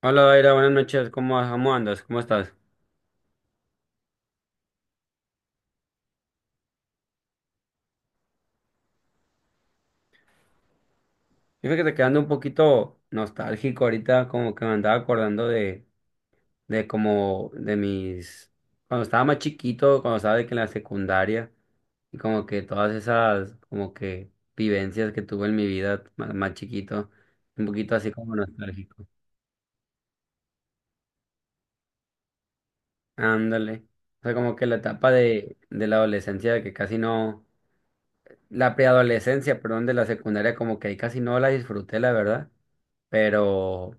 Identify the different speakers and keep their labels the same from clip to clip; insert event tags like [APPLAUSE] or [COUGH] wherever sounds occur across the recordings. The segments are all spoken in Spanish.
Speaker 1: Hola, Daira, buenas noches. ¿Cómo, vas? Cómo andas? ¿Cómo estás? Fíjate que quedando un poquito nostálgico ahorita, como que me andaba acordando de cuando estaba más chiquito, cuando estaba de que en la secundaria, y como que todas esas, como que vivencias que tuve en mi vida más chiquito, un poquito así como nostálgico. Ándale. O sea, como que la etapa de la adolescencia, que casi no, la preadolescencia, perdón, de la secundaria, como que ahí casi no la disfruté, la verdad. Pero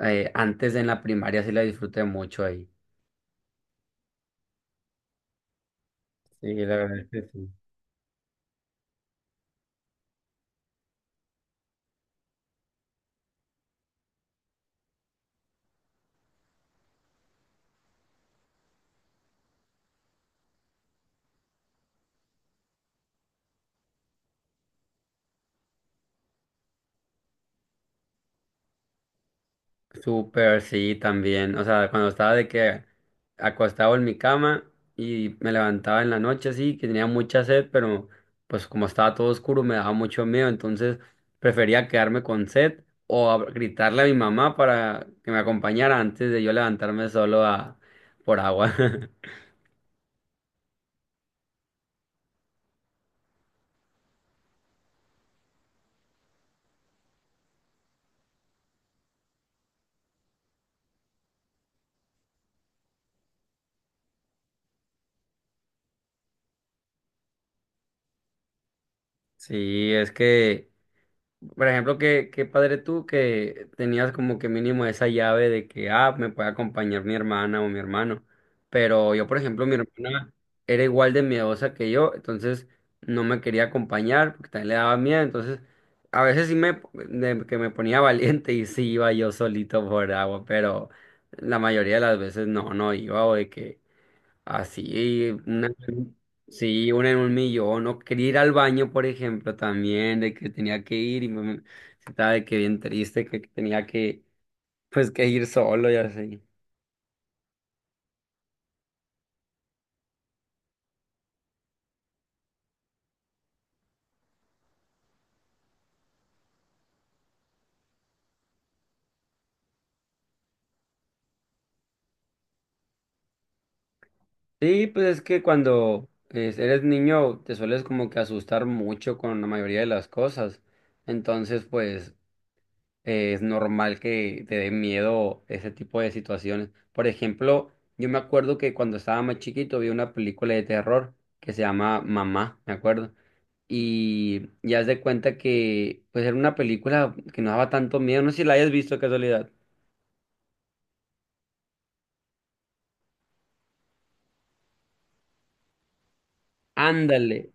Speaker 1: Antes en la primaria sí la disfruté mucho ahí. Sí, la verdad es que sí. Súper, sí, también. O sea, cuando estaba de que acostado en mi cama y me levantaba en la noche, sí, que tenía mucha sed, pero pues como estaba todo oscuro me daba mucho miedo, entonces prefería quedarme con sed o gritarle a mi mamá para que me acompañara antes de yo levantarme solo a por agua. [LAUGHS] Sí, es que por ejemplo, qué padre tú que tenías como que mínimo esa llave de que, ah, me puede acompañar mi hermana o mi hermano. Pero yo, por ejemplo, mi hermana era igual de miedosa que yo, entonces no me quería acompañar porque también le daba miedo. Entonces, a veces sí me, de que me ponía [LAUGHS] valiente y sí iba yo solito por agua, pero la mayoría de las veces no, no iba o de que así, una, sí, una en un millón. No quería ir al baño, por ejemplo, también, de que tenía que ir y me estaba de que bien triste, que tenía que, pues, que ir solo y así. Sí, pues es que cuando eres niño te sueles como que asustar mucho con la mayoría de las cosas. Entonces, pues, es normal que te dé miedo ese tipo de situaciones. Por ejemplo, yo me acuerdo que cuando estaba más chiquito vi una película de terror que se llama Mamá, me acuerdo. Y ya haz de cuenta que pues era una película que no daba tanto miedo, no sé si la hayas visto de casualidad. Ándale,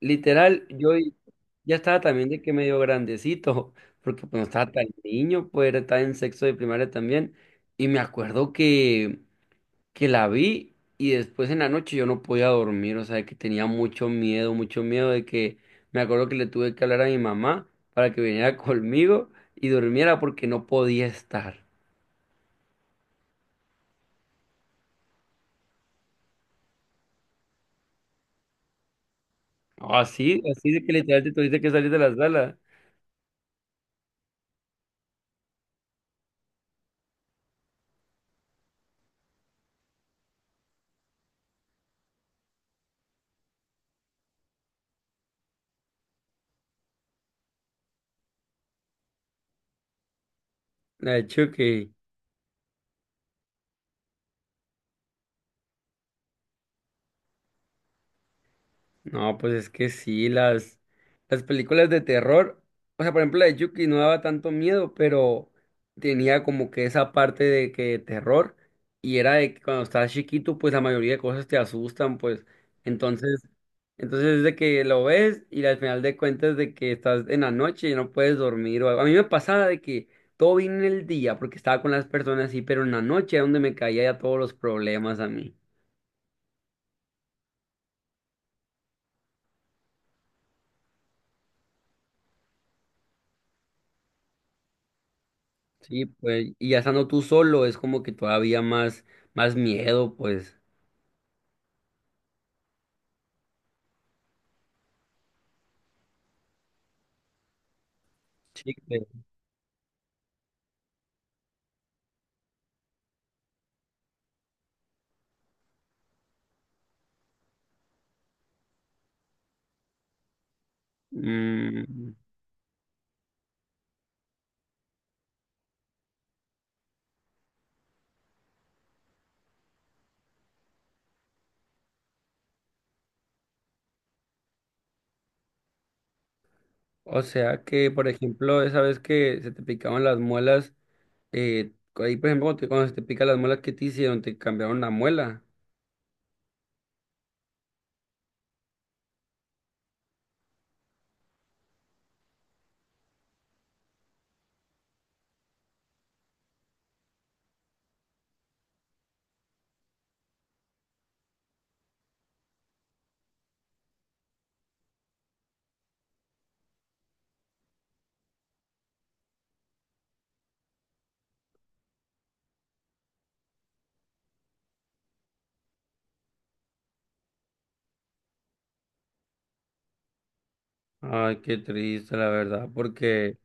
Speaker 1: literal, ya estaba también de que medio grandecito, porque pues no estaba tan niño, pues estaba en sexto de primaria también, y me acuerdo que la vi y después en la noche yo no podía dormir, o sea, de que tenía mucho miedo de que, me acuerdo que le tuve que hablar a mi mamá para que viniera [LAUGHS] conmigo y durmiera porque no podía estar. Así, así de que literalmente tuviste que salir de la sala. La de choque. No, pues es que sí, las películas de terror, o sea, por ejemplo, la de Chucky no daba tanto miedo, pero tenía como que esa parte de que terror, y era de que cuando estás chiquito, pues la mayoría de cosas te asustan, pues, entonces, entonces es de que lo ves y al final de cuentas de que estás en la noche y no puedes dormir, o algo. A mí me pasaba de que todo vino en el día, porque estaba con las personas así, pero en la noche era donde me caía ya todos los problemas a mí. Sí, pues, y ya estando tú solo es como que todavía más miedo, pues. Sí, pues, mm, o sea que, por ejemplo, esa vez que se te picaban las muelas, ahí, por ejemplo, cuando se te pican las muelas, ¿qué te hicieron? ¿Te cambiaron la muela? Ay, qué triste, la verdad, porque,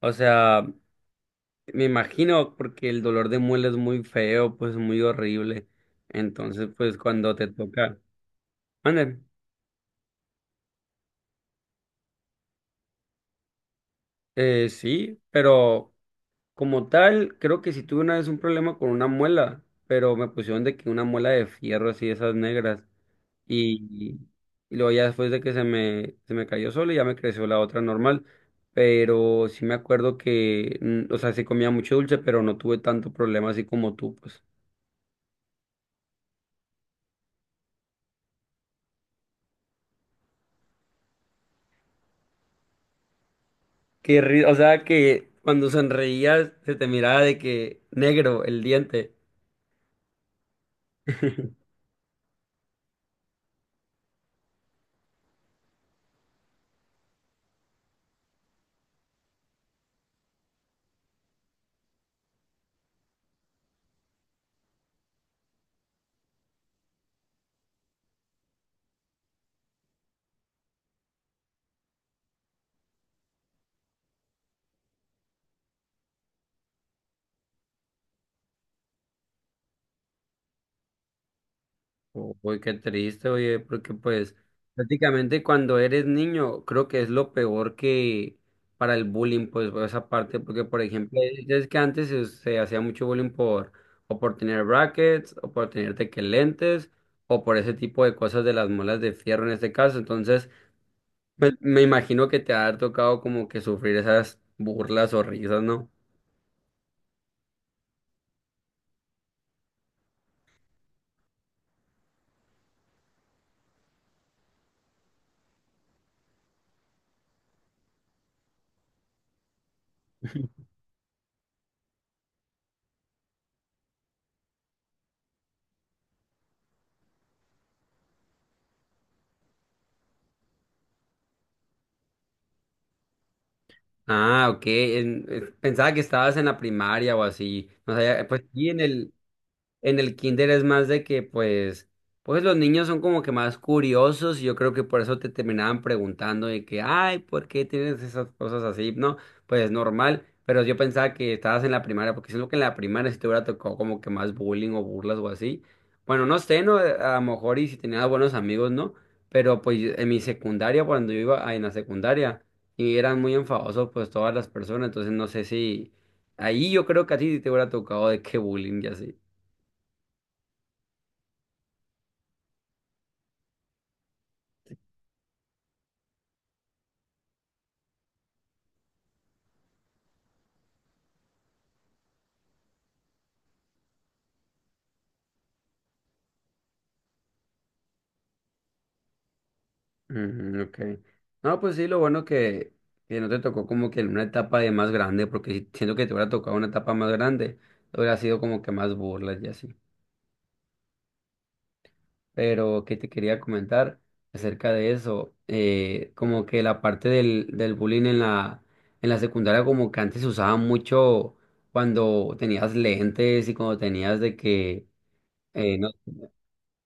Speaker 1: o sea, me imagino, porque el dolor de muela es muy feo, pues muy horrible. Entonces, pues cuando te toca, mande. Sí, pero como tal, creo que sí tuve una vez un problema con una muela, pero me pusieron de que una muela de fierro así, esas negras. Y, y luego ya después de que se me cayó sola, ya me creció la otra normal. Pero sí me acuerdo que, mm, o sea, sí comía mucho dulce, pero no tuve tanto problema así como tú, pues. O sea, que cuando sonreías se te miraba de que negro el diente. Uy, qué triste, oye, porque pues prácticamente cuando eres niño creo que es lo peor que para el bullying, pues por esa parte, porque por ejemplo, es que antes se hacía mucho bullying por o por tener brackets o por tener tequelentes o por ese tipo de cosas de las muelas de fierro en este caso, entonces pues, me imagino que te ha tocado como que sufrir esas burlas o risas, ¿no? Ah, ok, pensaba que estabas en la primaria o así, o sea, pues sí, en el... En el kinder es más de que, pues, pues los niños son como que más curiosos y yo creo que por eso te terminaban preguntando de que, ay, ¿por qué tienes esas cosas así? No, pues es normal, pero yo pensaba que estabas en la primaria, porque siento que en la primaria si te hubiera tocado como que más bullying o burlas o así. Bueno, no sé, ¿no? A lo mejor y si tenías buenos amigos, ¿no? Pero pues en mi secundaria, cuando yo iba ah, en la secundaria, y eran muy enfadosos pues todas las personas, entonces no sé si ahí yo creo que a ti sí te hubiera tocado de qué bullying y así. Mm, ok. No, pues sí, lo bueno que no te tocó como que en una etapa de más grande, porque siento que te hubiera tocado una etapa más grande, hubiera sido como que más burlas y así. Pero que te quería comentar acerca de eso, como que la parte del bullying en en la secundaria, como que antes se usaba mucho cuando tenías lentes y cuando tenías de que, no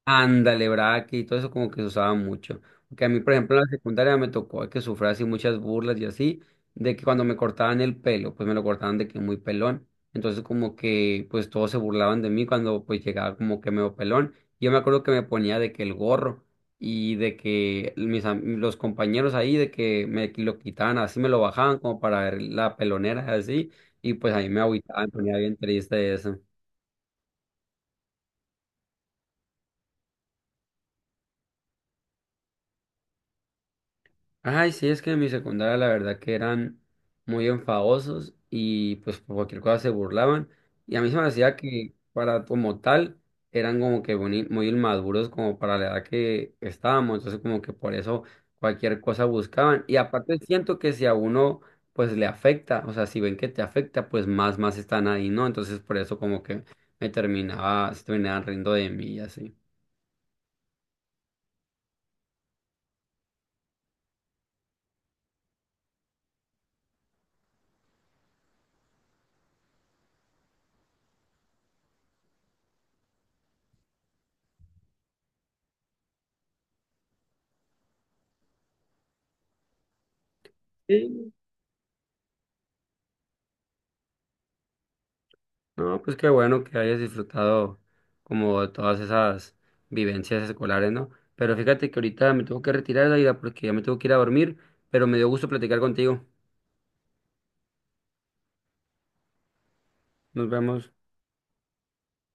Speaker 1: ándale, braque y todo eso como que se usaba mucho. Porque a mí, por ejemplo, en la secundaria me tocó que sufrí así muchas burlas y así, de que cuando me cortaban el pelo, pues me lo cortaban de que muy pelón. Entonces como que pues todos se burlaban de mí cuando pues llegaba como que medio pelón. Yo me acuerdo que me ponía de que el gorro y de que los compañeros ahí de que me lo quitaban así, me lo bajaban como para ver la pelonera así. Y pues ahí me agüitaba, me ponía bien triste eso. Ay, sí, es que en mi secundaria la verdad que eran muy enfadosos y pues por cualquier cosa se burlaban. Y a mí se me hacía que para como tal eran como que muy inmaduros como para la edad que estábamos. Entonces como que por eso cualquier cosa buscaban. Y aparte siento que si a uno pues le afecta, o sea, si ven que te afecta, pues más están ahí, ¿no? Entonces por eso como que me terminaba, se terminaban riendo de mí y así. No, pues qué bueno que hayas disfrutado como todas esas vivencias escolares, ¿no? Pero fíjate que ahorita me tengo que retirar, Daida, porque ya me tengo que ir a dormir, pero me dio gusto platicar contigo. Nos vemos.